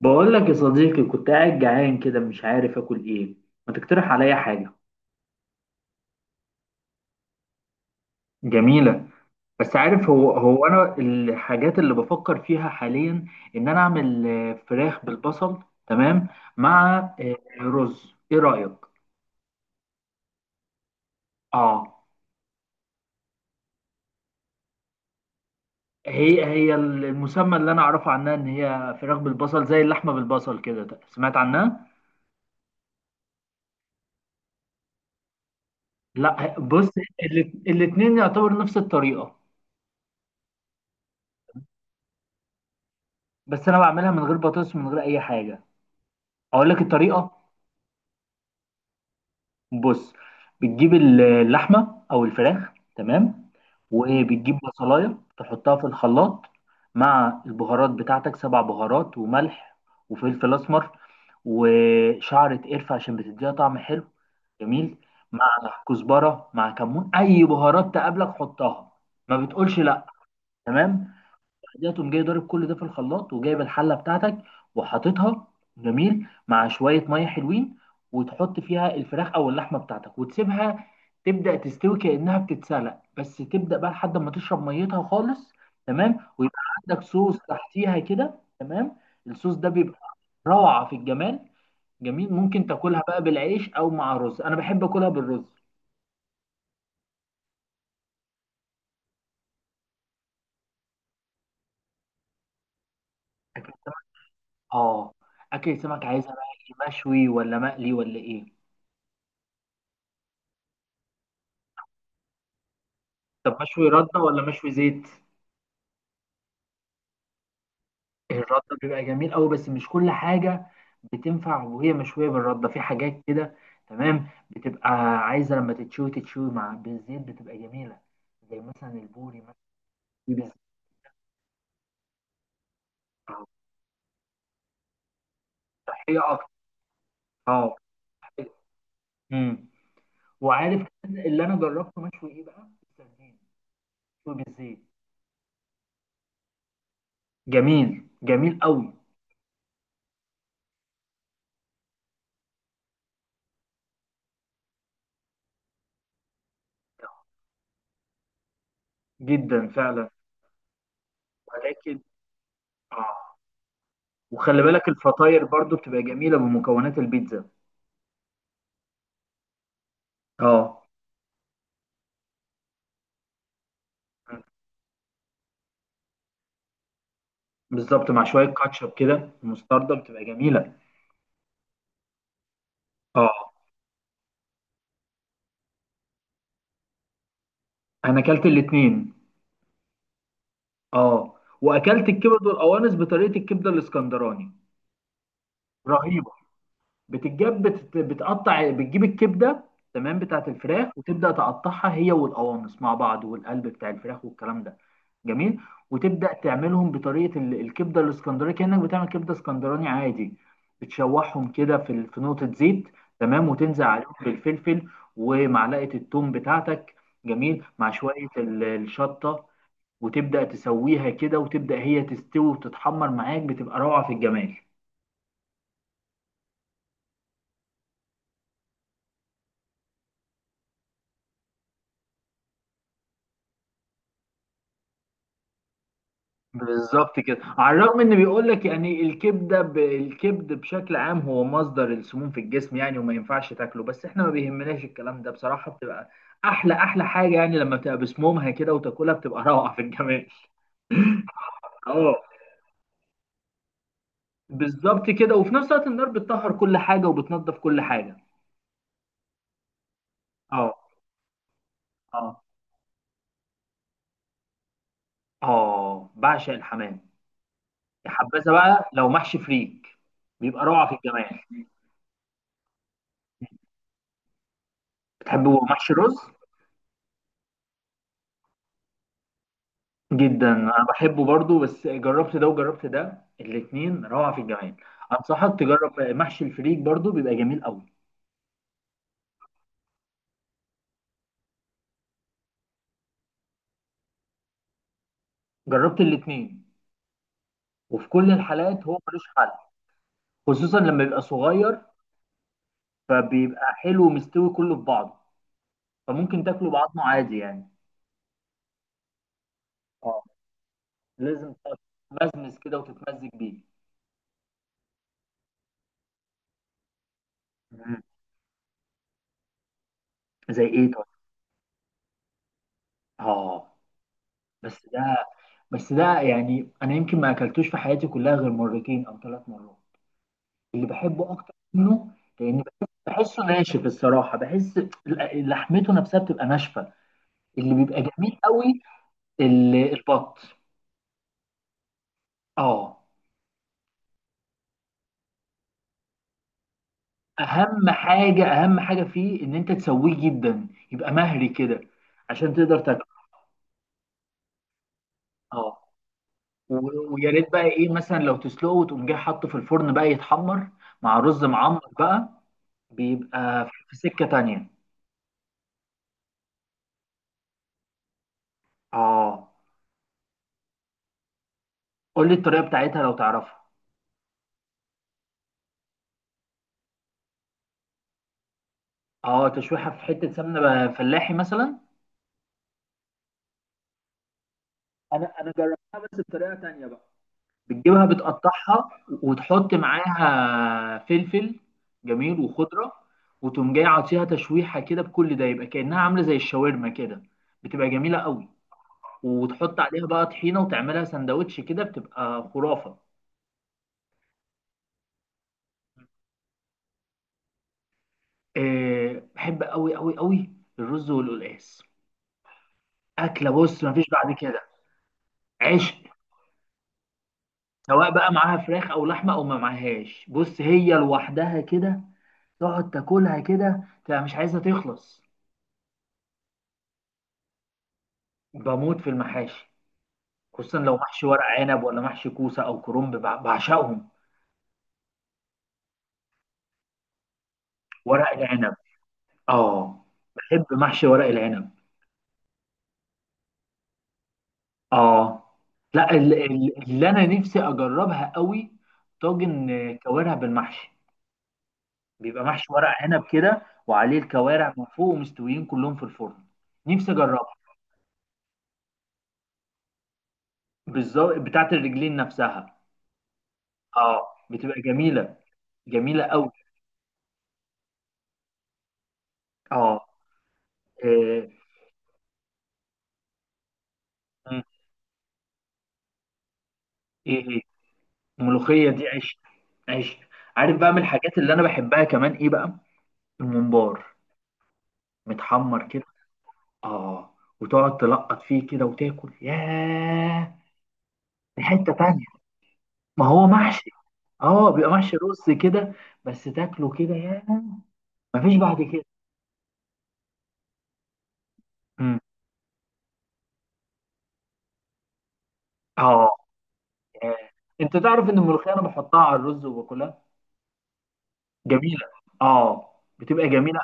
بقول لك يا صديقي، كنت قاعد جعان كده مش عارف اكل ايه. ما تقترح عليا حاجة. جميلة. بس عارف، هو هو أنا الحاجات اللي بفكر فيها حاليا، إن أنا أعمل فراخ بالبصل. تمام. مع رز. إيه رأيك؟ آه. هي هي المسمى اللي أنا أعرفه عنها إن هي فراخ بالبصل زي اللحمة بالبصل كده. سمعت عنها؟ لا، بص. الاتنين يعتبر نفس الطريقة. بس أنا بعملها من غير بطاطس، من غير أي حاجة. أقول لك الطريقة. بص. بتجيب اللحمه او الفراخ. تمام. وبتجيب بصلايه تحطها في الخلاط. مع البهارات بتاعتك، سبع بهارات، وملح وفلفل اسمر، وشعرة قرفة عشان بتديها طعم حلو. جميل. مع كزبرة، مع كمون، أي بهارات تقابلك حطها. ما بتقولش لأ. تمام. ده تقوم جاي ضارب كل ده في الخلاط، وجايب الحله بتاعتك وحاططها. جميل. مع شويه ميه حلوين، وتحط فيها الفراخ او اللحمه بتاعتك وتسيبها. تبدا تستوي كانها بتتسلق، بس تبدا بقى لحد ما تشرب ميتها خالص. تمام، ويبقى عندك صوص تحتيها كده. تمام. الصوص ده بيبقى روعه في الجمال. جميل. ممكن تاكلها بقى بالعيش او مع رز، انا بحب اكلها بالرز. اكل السمك. اه. اكل السمك عايزها بقى. إيه؟ مشوي ولا مقلي ولا ايه؟ طب مشوي رده ولا مشوي زيت؟ الرده بيبقى جميل قوي، بس مش كل حاجه بتنفع وهي مشويه بالرده، في حاجات كده. تمام، بتبقى عايزه لما تتشوي تتشوي مع بالزيت، بتبقى جميله. زي مثلا البوري مثلا. دي بالزيت. أهو، صحيه اكتر. اه. امم. وعارف كمان اللي انا جربته مشوي ايه بقى؟ السردين. مشوي بالزيت. جميل جميل قوي. جدا فعلا. ولكن. اه. وخلي بالك الفطاير برضو بتبقى جميله بمكونات البيتزا. اه. بالظبط. مع شويه كاتشب كده مستردة، بتبقى جميله. اه. انا اكلت الاتنين. اه. واكلت الكبد والقوانص بطريقه الكبده الاسكندراني. رهيبه. بتتجاب بتقطع، بتجيب الكبده. تمام، بتاعت الفراخ، وتبدا تقطعها هي والقوانص مع بعض، والقلب بتاع الفراخ والكلام ده. جميل. وتبدا تعملهم بطريقه الكبده الاسكندراني، كانك بتعمل كبده اسكندراني عادي. بتشوحهم كده في نقطه زيت. تمام. وتنزل عليهم بالفلفل ومعلقه الثوم بتاعتك. جميل. مع شويه الشطه. وتبدا تسويها كده، وتبدا هي تستوي وتتحمر معاك، بتبقى روعه في الجمال. بالظبط كده. على الرغم ان بيقول لك يعني الكبده الكبد بشكل عام هو مصدر السموم في الجسم، يعني وما ينفعش تاكله، بس احنا ما بيهمناش الكلام ده بصراحه. بتبقى احلى احلى حاجه، يعني لما بتبقى بسمومها كده وتاكلها بتبقى روعه في الجمال. اه. بالظبط كده، وفي نفس الوقت النار بتطهر كل حاجه وبتنظف كل حاجه. اه. اه. اه، بعشق الحمام. يا حبذا بقى لو محشي فريك، بيبقى روعه في الجمال. بتحبوا محشي رز؟ جدا، انا بحبه برضو، بس جربت ده وجربت ده، الاتنين روعة في الجمال. انصحك تجرب محشي الفريك برضو، بيبقى جميل قوي. جربت الاتنين، وفي كل الحالات هو ملوش حل. خصوصا لما بيبقى صغير، فبيبقى حلو ومستوي كله في بعضه. فممكن تاكله بعضمه عادي يعني. اه، لازم تمزمز كده وتتمزج بيه. مم. زي ايه طيب؟ اه. بس ده بس ده يعني انا يمكن ما اكلتوش في حياتي كلها غير مرتين او ثلاث مرات. اللي بحبه اكتر منه، لان بحسه ناشف الصراحه، بحس لحمته نفسها بتبقى ناشفه. اللي بيبقى جميل قوي البط. اه. اهم حاجه، اهم حاجه فيه ان انت تسويه جدا، يبقى مهري كده عشان تقدر تاكله. اه. ويا ريت بقى ايه مثلا لو تسلقه وتقوم جاي حاطه في الفرن بقى يتحمر مع رز معمر بقى، بيبقى في في سكه تانية. اه. قول لي الطريقه بتاعتها لو تعرفها. اه. تشويحه في حته سمنه بقى فلاحي مثلا. انا جربتها بس بطريقه تانية بقى. بتجيبها، بتقطعها، وتحط معاها فلفل، جميل، وخضره، وتقوم جاي عاطيها تشويحه كده بكل ده، يبقى كانها عامله زي الشاورما كده، بتبقى جميله قوي. وتحط عليها بقى طحينه وتعملها سندوتش كده بتبقى خرافه. أه، بحب قوي قوي قوي الرز والقلقاس. اكله، بص مفيش بعد كده. عشق. سواء بقى معاها فراخ او لحمه او ما معاهاش، بص هي لوحدها كده تقعد تاكلها كده تبقى مش عايزه تخلص. بموت في المحاشي، خصوصا لو محشي ورق عنب، ولا محشي كوسه او كرنب، بعشقهم. ورق العنب. اه، بحب محشي ورق العنب. اه. لا، اللي انا نفسي اجربها قوي طاجن كوارع بالمحشي. بيبقى محشي ورق عنب كده، وعليه الكوارع من فوق، ومستويين كلهم في الفرن. نفسي اجربها. بالظبط، بتاعت الرجلين نفسها. اه، بتبقى جميله. جميله قوي. اه. آه، ايه ايه الملوخيه دي عيش. عيش. عارف بقى من الحاجات اللي انا بحبها كمان ايه بقى؟ الممبار متحمر كده. اه. وتقعد تلقط فيه كده وتاكل، ياه، في حته تانية. ما هو محشي. اه، بيبقى محشي رز كده. بس تاكله كده، ياه، مفيش بعد كده. مم. اه. ياه. انت تعرف ان الملوخيه انا بحطها على الرز وباكلها. جميله. اه. بتبقى جميله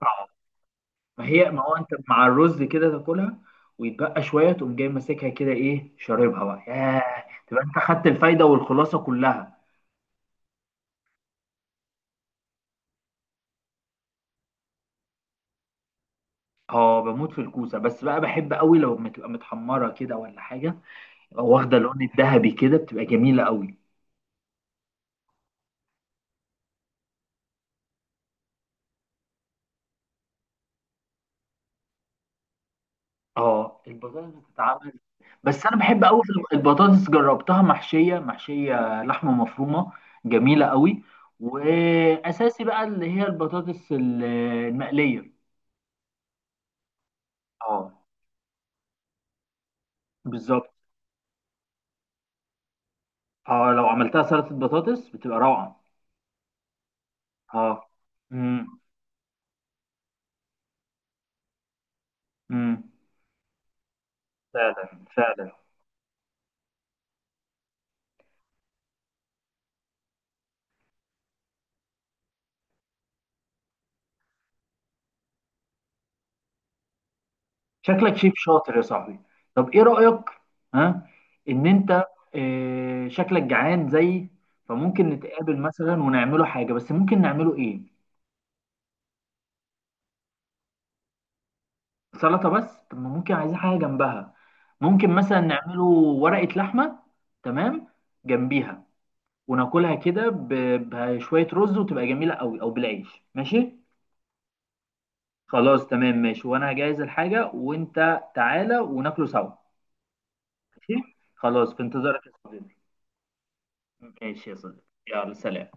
قوي. ما هو انت مع الرز كده تاكلها، ويتبقى شويه تقوم جاي ماسكها كده، ايه، شاربها بقى، ياه، تبقى انت خدت الفايده والخلاصه كلها. اه، بموت في الكوسه. بس بقى بحب قوي لو بتبقى متحمره كده ولا حاجه، يبقى واخده اللون الذهبي كده، بتبقى جميله قوي. اه، البطاطس بتتعمل. بس انا بحب قوي في البطاطس، جربتها محشيه، محشيه لحمه مفرومه، جميله قوي. واساسي بقى اللي هي البطاطس المقليه. اه. بالظبط. اه، لو عملتها سلطة بطاطس بتبقى روعة. اه. امم. امم. فعلا فعلا. شكلك شيف شاطر يا صاحبي. طب ايه رأيك؟ ها؟ ان انت، شكلك جعان زيي، فممكن نتقابل مثلا ونعمله حاجة، بس ممكن نعمله ايه؟ سلطة بس؟ طب ما ممكن عايزين حاجة جنبها. ممكن مثلا نعمله ورقة لحمة. تمام. جنبيها، وناكلها كده بشوية رز وتبقى جميلة قوي او بالعيش. ماشي. خلاص، تمام، ماشي. وانا هجهز الحاجة وانت تعالى وناكله سوا. ماشي خلاص، في انتظارك يا صديقي. ماشي يا صديقي. يلا، سلام.